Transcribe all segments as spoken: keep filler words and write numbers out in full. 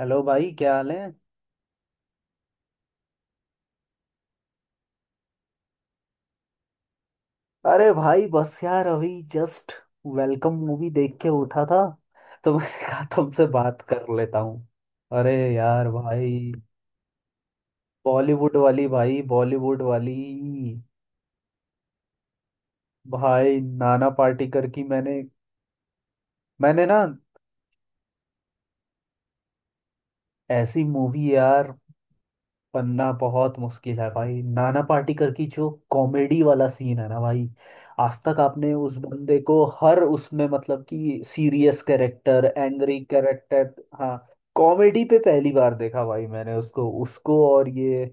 Hello भाई, क्या हाल है। अरे भाई, बस यार अभी जस्ट वेलकम मूवी देख के उठा था तो मैंने कहा तुमसे बात कर लेता हूँ। अरे यार भाई, बॉलीवुड वाली भाई, बॉलीवुड वाली। भाई नाना पाटेकर की, मैंने मैंने ना, ऐसी मूवी यार बनना बहुत मुश्किल है। भाई नाना पाटेकर की जो कॉमेडी वाला सीन है ना भाई, आज तक आपने उस बंदे को हर उसमें मतलब कि सीरियस कैरेक्टर, एंग्री कैरेक्टर, हाँ, कॉमेडी पे पहली बार देखा भाई। मैंने उसको उसको और ये,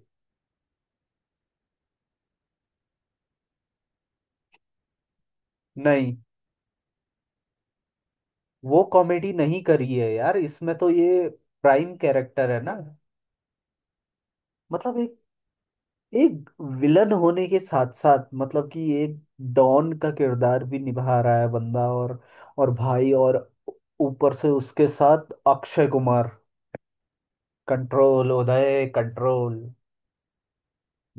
नहीं वो कॉमेडी नहीं करी है यार, इसमें तो ये प्राइम कैरेक्टर है ना। मतलब एक एक विलन होने के साथ साथ मतलब कि एक डॉन का किरदार भी निभा रहा है बंदा, और और भाई और ऊपर से उसके साथ अक्षय कुमार। Control Uday control.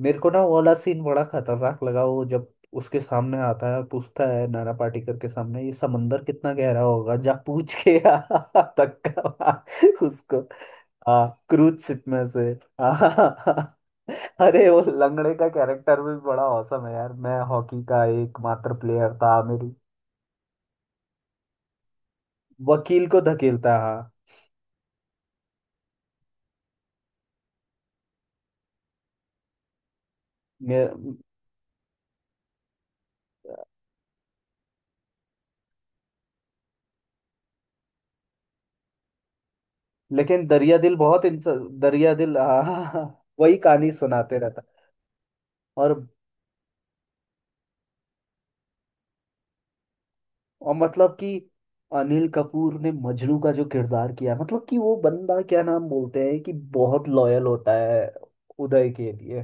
मेरे को ना वो वाला सीन बड़ा खतरनाक लगा, वो जब उसके सामने आता है और पूछता है, नाना पाटेकर के सामने, ये समंदर कितना गहरा होगा, जा पूछ के आ, धक्का मार उसको। हाँ, क्रूज शिप में से। हाँ। अरे वो लंगड़े का कैरेक्टर भी बड़ा औसम है यार, मैं हॉकी का एकमात्र प्लेयर था मेरी, वकील को धकेलता, हाँ, मे- लेकिन दरिया दिल, बहुत इंसान दरिया दिल, हाँ, वही कहानी सुनाते रहता। और और मतलब कि अनिल कपूर ने मजनू का जो किरदार किया, मतलब कि वो बंदा क्या नाम बोलते हैं कि बहुत लॉयल होता है उदय के लिए,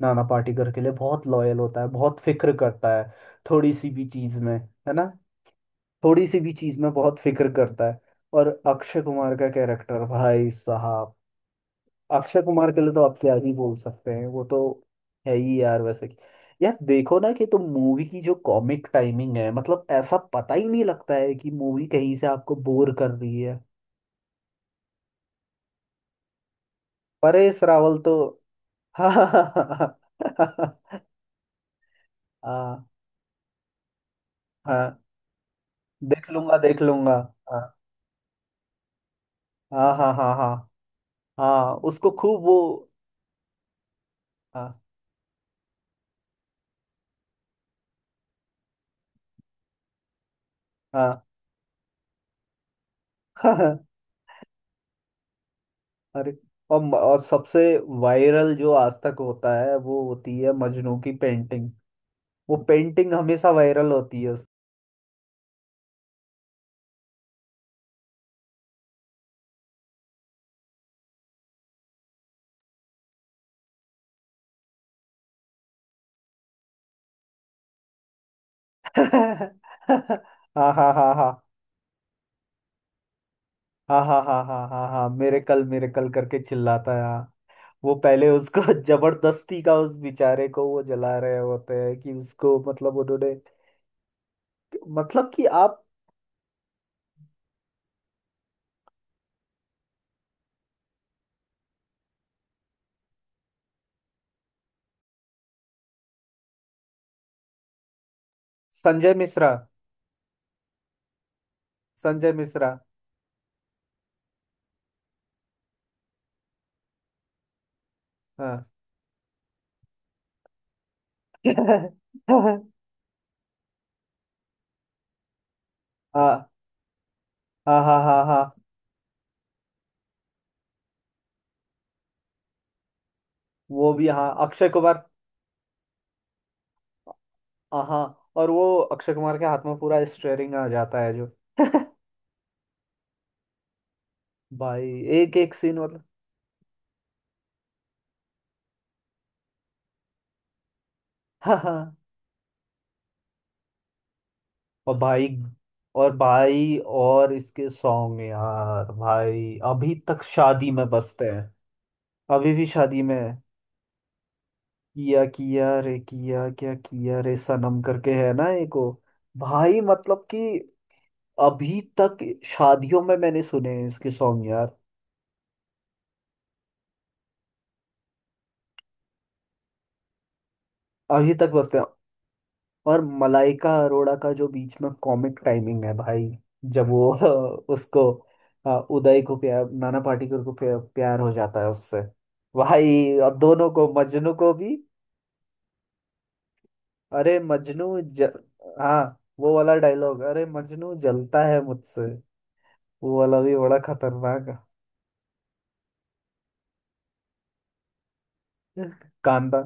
नाना पाटेकर के लिए बहुत लॉयल होता है, बहुत फिक्र करता है। थोड़ी सी भी चीज में, है ना, थोड़ी सी भी चीज में बहुत फिक्र करता है। और अक्षय कुमार का कैरेक्टर, भाई साहब, अक्षय कुमार के लिए तो आप क्या ही बोल सकते हैं, वो तो है ही यार वैसे कि, यार देखो ना कि तुम मूवी की जो कॉमिक टाइमिंग है मतलब, ऐसा पता ही नहीं लगता है कि मूवी कहीं से आपको बोर कर रही है। परेश रावल तो हाँ हाँ, हाँ हाँ, देख लूंगा देख लूंगा, हाँ हाँ हाँ हाँ, हाँ हाँ, उसको खूब वो, हाँ हाँ अरे और, और सबसे वायरल जो आज तक होता है वो होती है मजनू की पेंटिंग, वो पेंटिंग हमेशा वायरल होती है उस... हाँ हाँ हाँ हाँ हाँ, हाँ हाँ हाँ हाँ हाँ, मेरे कल मेरे कल करके चिल्लाता है, हाँ। वो पहले उसको जबरदस्ती का, उस बेचारे को वो जला रहे होते हैं कि उसको, मतलब उन्होंने, मतलब कि आप, संजय मिश्रा, संजय मिश्रा। हाँ हाँ हाँ, हाँ हाँ हाँ, वो भी हाँ, अक्षय कुमार, हाँ हाँ, और वो अक्षय कुमार के हाथ में पूरा स्टेयरिंग आ जाता है जो भाई, एक एक सीन मतलब, हाँ हाँ और भाई और भाई और इसके सॉन्ग यार भाई अभी तक शादी में बजते हैं, अभी भी शादी में है। किया किया रे, किया क्या किया रे सनम करके, है ना, एक वो, भाई मतलब कि अभी तक शादियों में मैंने सुने हैं इसके सॉन्ग यार, अभी तक बजते हैं। और मलाइका अरोड़ा का जो बीच में कॉमिक टाइमिंग है भाई, जब वो उसको, अ, उदय को प्यार, नाना पाटेकर को प्या- प्यार हो जाता है उससे, भाई और दोनों को, मजनू को भी। अरे मजनू ज... हाँ, वो वाला डायलॉग अरे मजनू जलता है मुझसे, वो वाला भी बड़ा खतरनाक है। कांदा,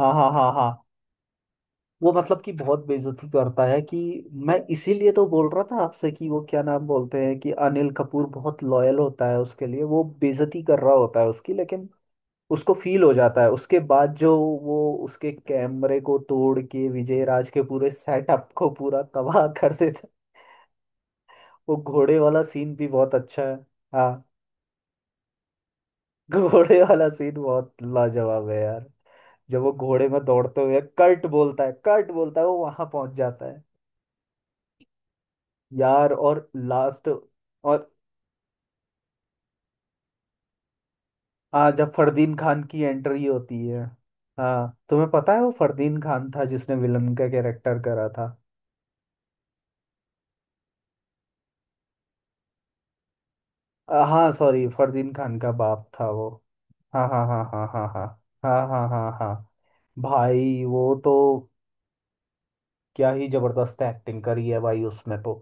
हाँ हाँ हाँ हाँ, वो मतलब कि बहुत बेइज्जती करता है कि, मैं इसीलिए तो बोल रहा था आपसे कि वो क्या नाम बोलते हैं कि अनिल कपूर बहुत लॉयल होता है उसके लिए, वो बेइज्जती कर रहा होता है उसकी लेकिन उसको फील हो जाता है उसके बाद जो, वो उसके कैमरे को तोड़ के विजय राज के पूरे सेटअप को पूरा तबाह कर देता है। वो घोड़े वाला सीन भी बहुत अच्छा है। हाँ, घोड़े वाला सीन बहुत लाजवाब है यार, जब वो घोड़े में दौड़ते हुए कर्ट बोलता है, कर्ट बोलता है, वो वहां पहुंच जाता है। यार और लास्ट और आ जब फरदीन खान की एंट्री होती है, हाँ, तुम्हें पता है वो फरदीन खान था जिसने विलन का कैरेक्टर करा था। आ, हाँ सॉरी, फरदीन खान का बाप था वो, हाँ हाँ हाँ हाँ हाँ, हाँ हाँ हाँ हाँ हाँ। भाई वो तो क्या ही जबरदस्त एक्टिंग करी है भाई उसमें तो।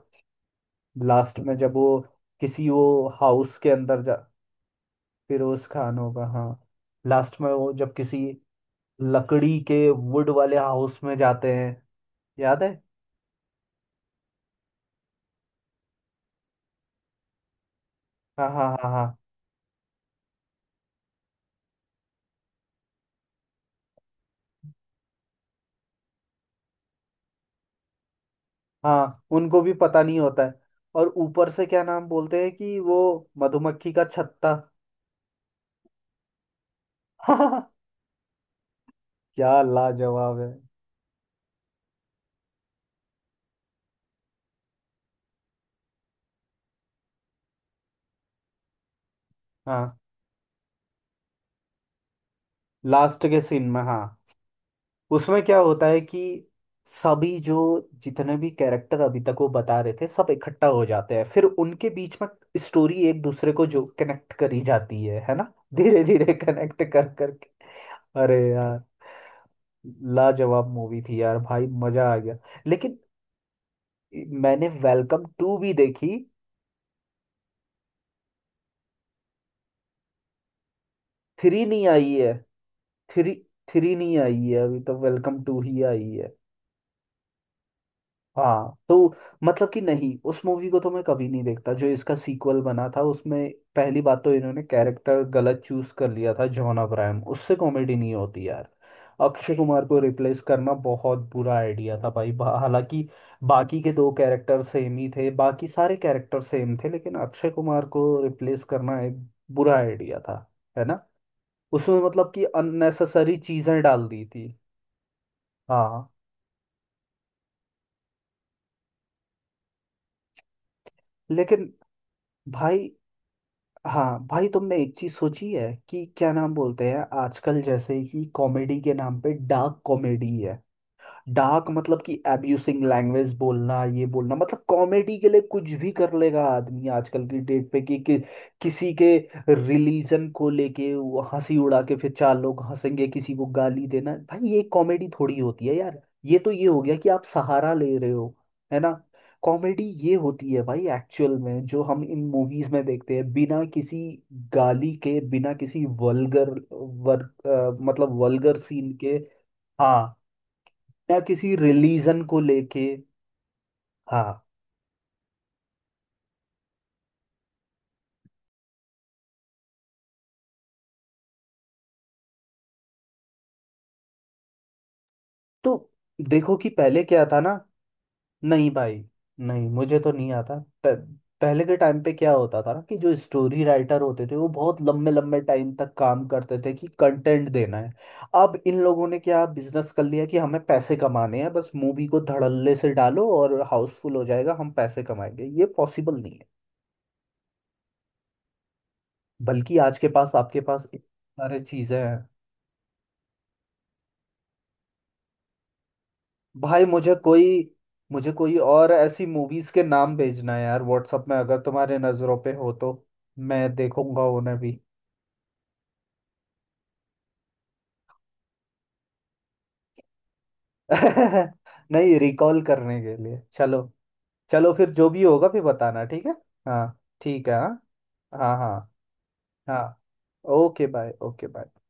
लास्ट में जब वो किसी, वो हाउस के अंदर जा, फिरोज खान होगा, हाँ। लास्ट में वो जब किसी लकड़ी के वुड वाले हाउस में जाते हैं, याद है। हाँ हाँ हाँ हाँ हाँ, उनको भी पता नहीं होता है, और ऊपर से क्या नाम बोलते हैं कि वो मधुमक्खी का छत्ता। क्या लाजवाब है। हाँ, लास्ट के सीन में, हाँ, उसमें क्या होता है कि सभी जो, जितने भी कैरेक्टर अभी तक वो बता रहे थे सब इकट्ठा हो जाते हैं फिर उनके बीच में स्टोरी एक दूसरे को जो कनेक्ट करी जाती है है ना, धीरे धीरे कनेक्ट कर करके। अरे यार, लाजवाब मूवी थी यार भाई, मजा आ गया। लेकिन मैंने वेलकम टू भी देखी। थ्री नहीं आई है। थ्री थ्री नहीं आई है अभी तो, वेलकम टू ही आई है। हाँ तो मतलब कि नहीं, उस मूवी को तो मैं कभी नहीं देखता जो इसका सीक्वल बना था। उसमें पहली बात तो इन्होंने कैरेक्टर गलत चूज कर लिया था, जॉन अब्राहम, उससे कॉमेडी नहीं होती यार। अक्षय कुमार को रिप्लेस करना बहुत बुरा आइडिया था भाई, बा- हालांकि बाकी के दो कैरेक्टर सेम ही थे, बाकी सारे कैरेक्टर सेम थे लेकिन अक्षय कुमार को रिप्लेस करना एक बुरा आइडिया था, है ना, उसमें मतलब कि अननेसेसरी चीजें डाल दी थी। हाँ लेकिन भाई, हाँ भाई, तुमने एक चीज सोची है कि क्या नाम बोलते हैं आजकल जैसे कि कॉमेडी के नाम पे डार्क कॉमेडी है। डार्क मतलब कि एब्यूसिंग लैंग्वेज बोलना, ये बोलना, मतलब कॉमेडी के लिए कुछ भी कर लेगा आदमी आजकल की डेट पे कि, कि, किसी के रिलीजन को लेके वो हंसी उड़ा के फिर चार लोग हंसेंगे, किसी को गाली देना, भाई ये कॉमेडी थोड़ी होती है यार, ये तो ये हो गया कि आप सहारा ले रहे हो, है ना। कॉमेडी ये होती है भाई एक्चुअल में, जो हम इन मूवीज में देखते हैं, बिना किसी गाली के, बिना किसी वल्गर वर, अ, मतलब वल्गर सीन के, हाँ, या किसी रिलीजन को लेके, हाँ। तो देखो कि पहले क्या था ना, नहीं भाई, नहीं मुझे तो नहीं आता। प- पहले के टाइम पे क्या होता था ना कि जो स्टोरी राइटर होते थे वो बहुत लंबे लंबे टाइम तक काम करते थे कि कंटेंट देना है। अब इन लोगों ने क्या बिजनेस कर लिया कि हमें पैसे कमाने हैं, बस मूवी को धड़ल्ले से डालो और हाउसफुल हो जाएगा, हम पैसे कमाएंगे, ये पॉसिबल नहीं है। बल्कि आज के पास, आपके पास इतनी सारे चीजें हैं। भाई मुझे कोई मुझे कोई और ऐसी मूवीज के नाम भेजना है यार व्हाट्सअप में, अगर तुम्हारे नजरों पे हो तो मैं देखूंगा उन्हें भी। नहीं, रिकॉल करने के लिए, चलो, चलो फिर जो भी होगा फिर बताना, ठीक है। हाँ ठीक है, हाँ हाँ हाँ हाँ, ओके बाय, ओके बाय।